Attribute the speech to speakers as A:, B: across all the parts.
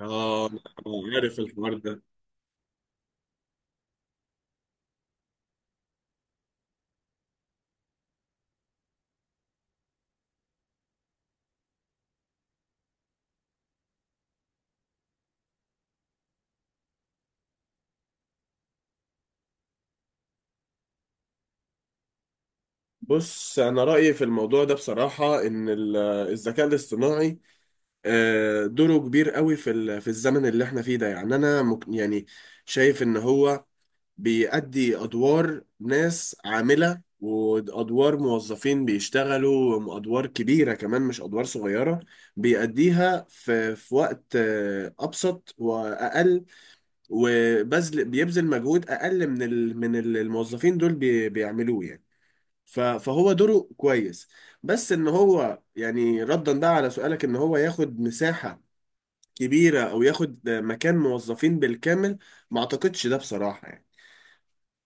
A: اه أنا عارف الحوار ده. بص، أنا رأيي في الموضوع ده بصراحة إن الذكاء الاصطناعي دوره كبير قوي في الزمن اللي إحنا فيه ده. يعني أنا شايف إن هو بيأدي أدوار ناس عاملة وأدوار موظفين بيشتغلوا أدوار كبيرة كمان، مش أدوار صغيرة. بيأديها في وقت أبسط وأقل، بيبذل مجهود اقل من الموظفين دول بيعملوه يعني. فهو دوره كويس. بس ان هو، يعني ردا بقى على سؤالك، ان هو ياخد مساحة كبيرة او ياخد مكان موظفين بالكامل، ما اعتقدش ده بصراحة يعني.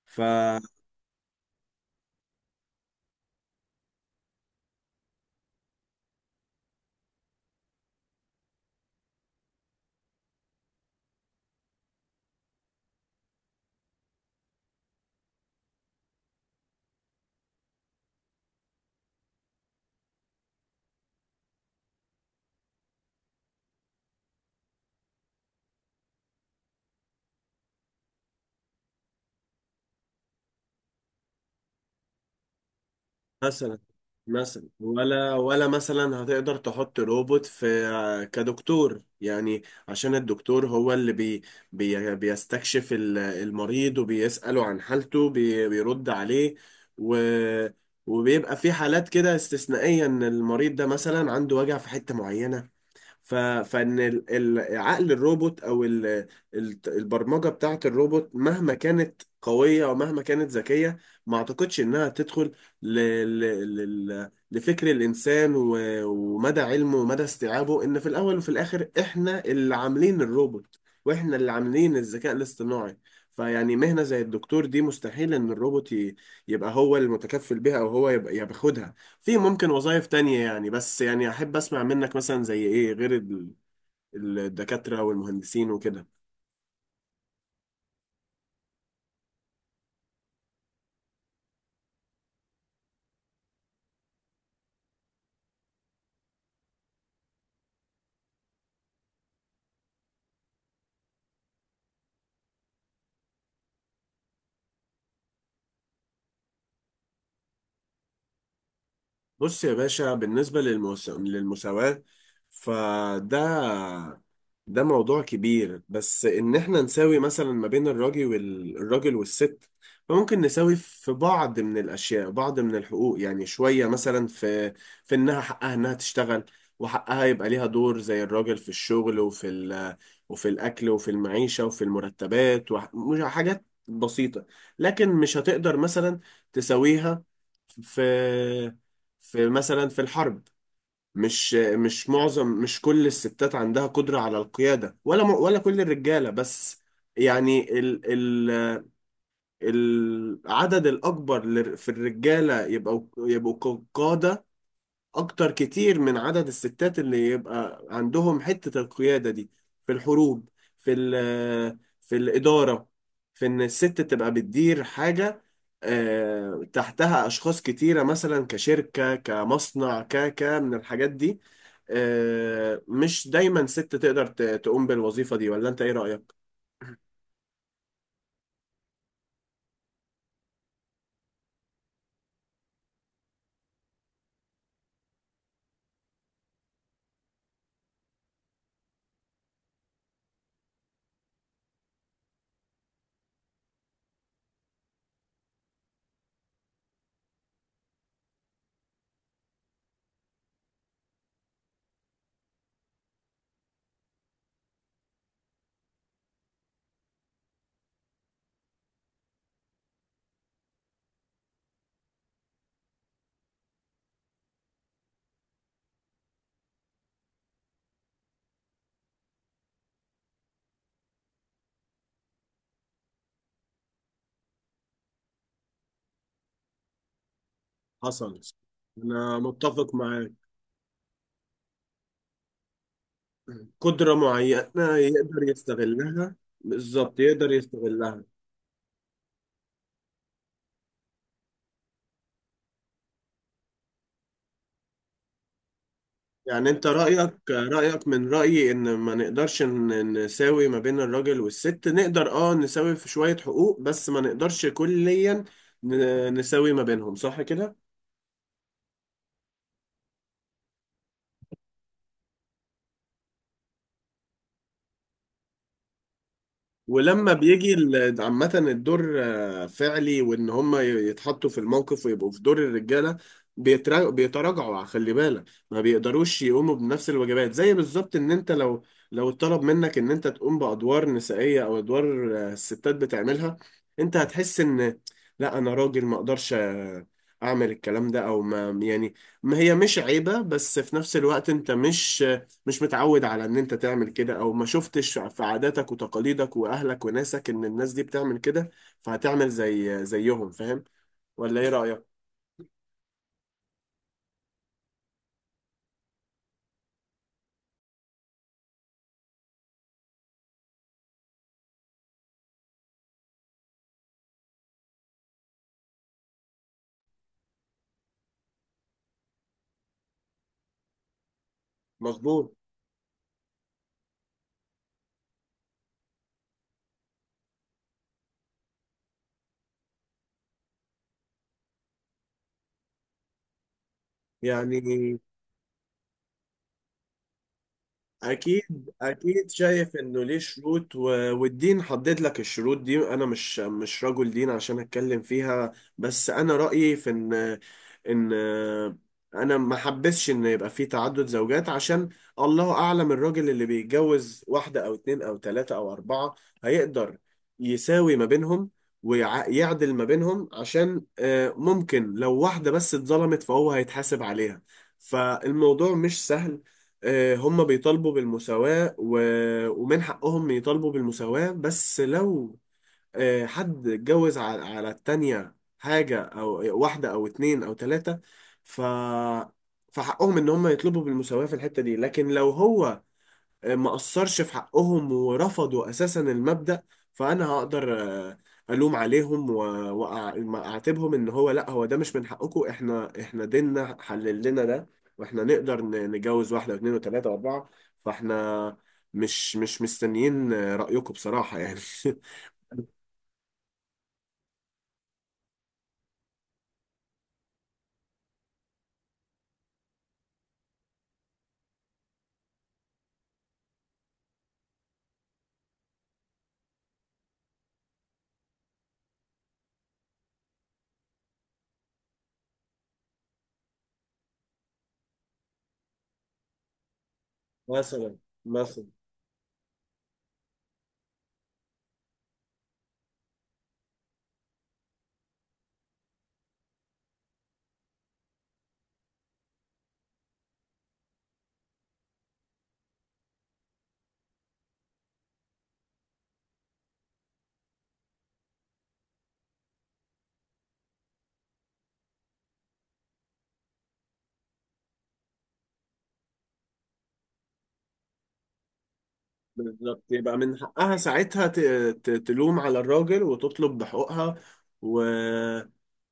A: ف مثلا، ولا ولا مثلا هتقدر تحط روبوت في كدكتور؟ يعني عشان الدكتور هو اللي بي بي بيستكشف المريض وبيسأله عن حالته، بيرد عليه. و وبيبقى في حالات كده استثنائية ان المريض ده مثلا عنده وجع في حتة معينة. فان عقل الروبوت او البرمجه بتاعه الروبوت، مهما كانت قويه ومهما كانت ذكيه، ما اعتقدش انها تدخل ل... ل... لفكر الانسان ومدى علمه ومدى استيعابه، ان في الاول وفي الاخر احنا اللي عاملين الروبوت واحنا اللي عاملين الذكاء الاصطناعي. فيعني مهنه زي الدكتور دي مستحيل ان الروبوت يبقى هو المتكفل بها او هو يبقى ياخدها. في ممكن وظائف تانية يعني، بس يعني أحب أسمع منك مثلا زي إيه غير الدكاترة والمهندسين وكده. بص يا باشا، بالنسبة للمساواة، فده ده موضوع كبير. بس إن إحنا نساوي مثلا ما بين الراجل الراجل والست، فممكن نساوي في بعض من الأشياء، بعض من الحقوق يعني، شوية مثلا في في إنها حقها إنها تشتغل، وحقها يبقى ليها دور زي الراجل في الشغل وفي الأكل وفي المعيشة وفي المرتبات وحاجات بسيطة. لكن مش هتقدر مثلا تساويها في في مثلا في الحرب. مش مش معظم، مش كل الستات عندها قدرة على القيادة، ولا كل الرجالة بس. يعني ال ال العدد الأكبر في الرجالة يبقوا، قادة اكتر كتير من عدد الستات اللي يبقى عندهم حتة القيادة دي، في الحروب، في في الإدارة، في ان الست تبقى بتدير حاجة تحتها اشخاص كتيرة، مثلا كشركة، كمصنع، ك ك من الحاجات دي. مش دايما ست تقدر تقوم بالوظيفة دي، ولا انت ايه رأيك؟ حصل. انا متفق معاك. قدرة معينة يقدر يستغلها بالظبط، يقدر يستغلها. يعني انت رأيك، من رأيي، ان ما نقدرش نساوي ما بين الراجل والست. نقدر اه نساوي في شوية حقوق، بس ما نقدرش كليا نساوي ما بينهم، صح كده؟ ولما بيجي عامة الدور فعلي، وإن هم يتحطوا في الموقف ويبقوا في دور الرجالة، بيتراجعوا. خلي بالك، ما بيقدروش يقوموا بنفس الواجبات. زي بالظبط إن أنت لو اتطلب منك إن أنت تقوم بأدوار نسائية، أو أدوار الستات بتعملها، أنت هتحس إن لا، أنا راجل ما أقدرش أعمل الكلام ده، أو ما يعني، ما هي مش عيبة، بس في نفس الوقت أنت مش مش متعود على ان انت تعمل كده، او ما شفتش في عاداتك وتقاليدك واهلك وناسك ان الناس دي بتعمل كده، فهتعمل زي زيهم. فاهم ولا ايه رأيك؟ مظبوط. يعني اكيد، اكيد شايف انه ليه شروط والدين حدد لك الشروط دي. انا مش، مش رجل دين عشان اتكلم فيها، بس انا رايي في ان انا ما حبسش ان يبقى في تعدد زوجات، عشان الله اعلم الراجل اللي بيتجوز واحده او اتنين او تلاته او اربعه هيقدر يساوي ما بينهم ويعدل ما بينهم، عشان ممكن لو واحده بس اتظلمت فهو هيتحاسب عليها. فالموضوع مش سهل. هم بيطالبوا بالمساواة، ومن حقهم يطالبوا بالمساواة، بس لو حد اتجوز على، على التانية حاجة، أو واحدة أو اتنين أو تلاتة، ف... فحقهم إن هم يطلبوا بالمساواة في الحتة دي. لكن لو هو ما أثرش في حقهم ورفضوا أساسا المبدأ، فأنا هقدر آه، ألوم عليهم وأعاتبهم، إن هو لأ، هو ده مش من حقكم، إحنا ديننا حلل لنا ده، وإحنا نقدر نتجوز واحدة واثنين وثلاثة وأربعة. فإحنا مش مش مستنيين رأيكم بصراحة يعني. مثلا، مثلا، بالظبط. يبقى من حقها ساعتها تلوم على الراجل وتطلب بحقوقها، و...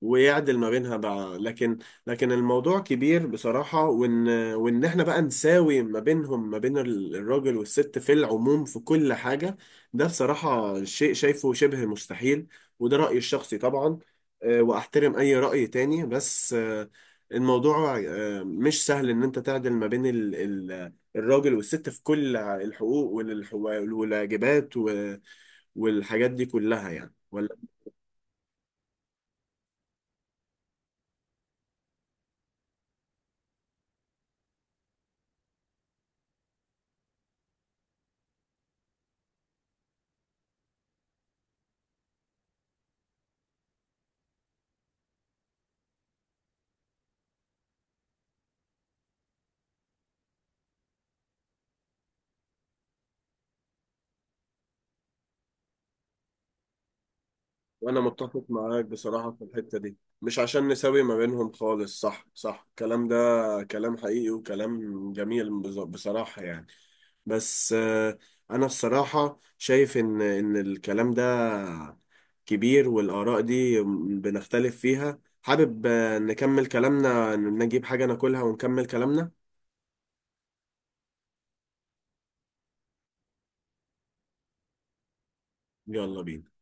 A: ويعدل ما بينها بقى. لكن، لكن الموضوع كبير بصراحة. وإن إحنا بقى نساوي ما بينهم، ما بين الراجل والست، في العموم، في كل حاجة، ده بصراحة شيء شايفه شبه مستحيل، وده رأيي الشخصي طبعا. وأحترم أي رأي تاني، بس الموضوع مش سهل إن أنت تعدل ما بين الراجل والست في كل الحقوق والواجبات والحاجات دي كلها يعني، ولا؟ وانا متفق معاك بصراحة في الحتة دي. مش عشان نساوي ما بينهم خالص. صح، صح الكلام ده، كلام حقيقي وكلام جميل بصراحة يعني. بس انا الصراحة شايف ان، ان الكلام ده كبير والاراء دي بنختلف فيها. حابب نكمل كلامنا، نجيب حاجة ناكلها ونكمل كلامنا. يلا بينا.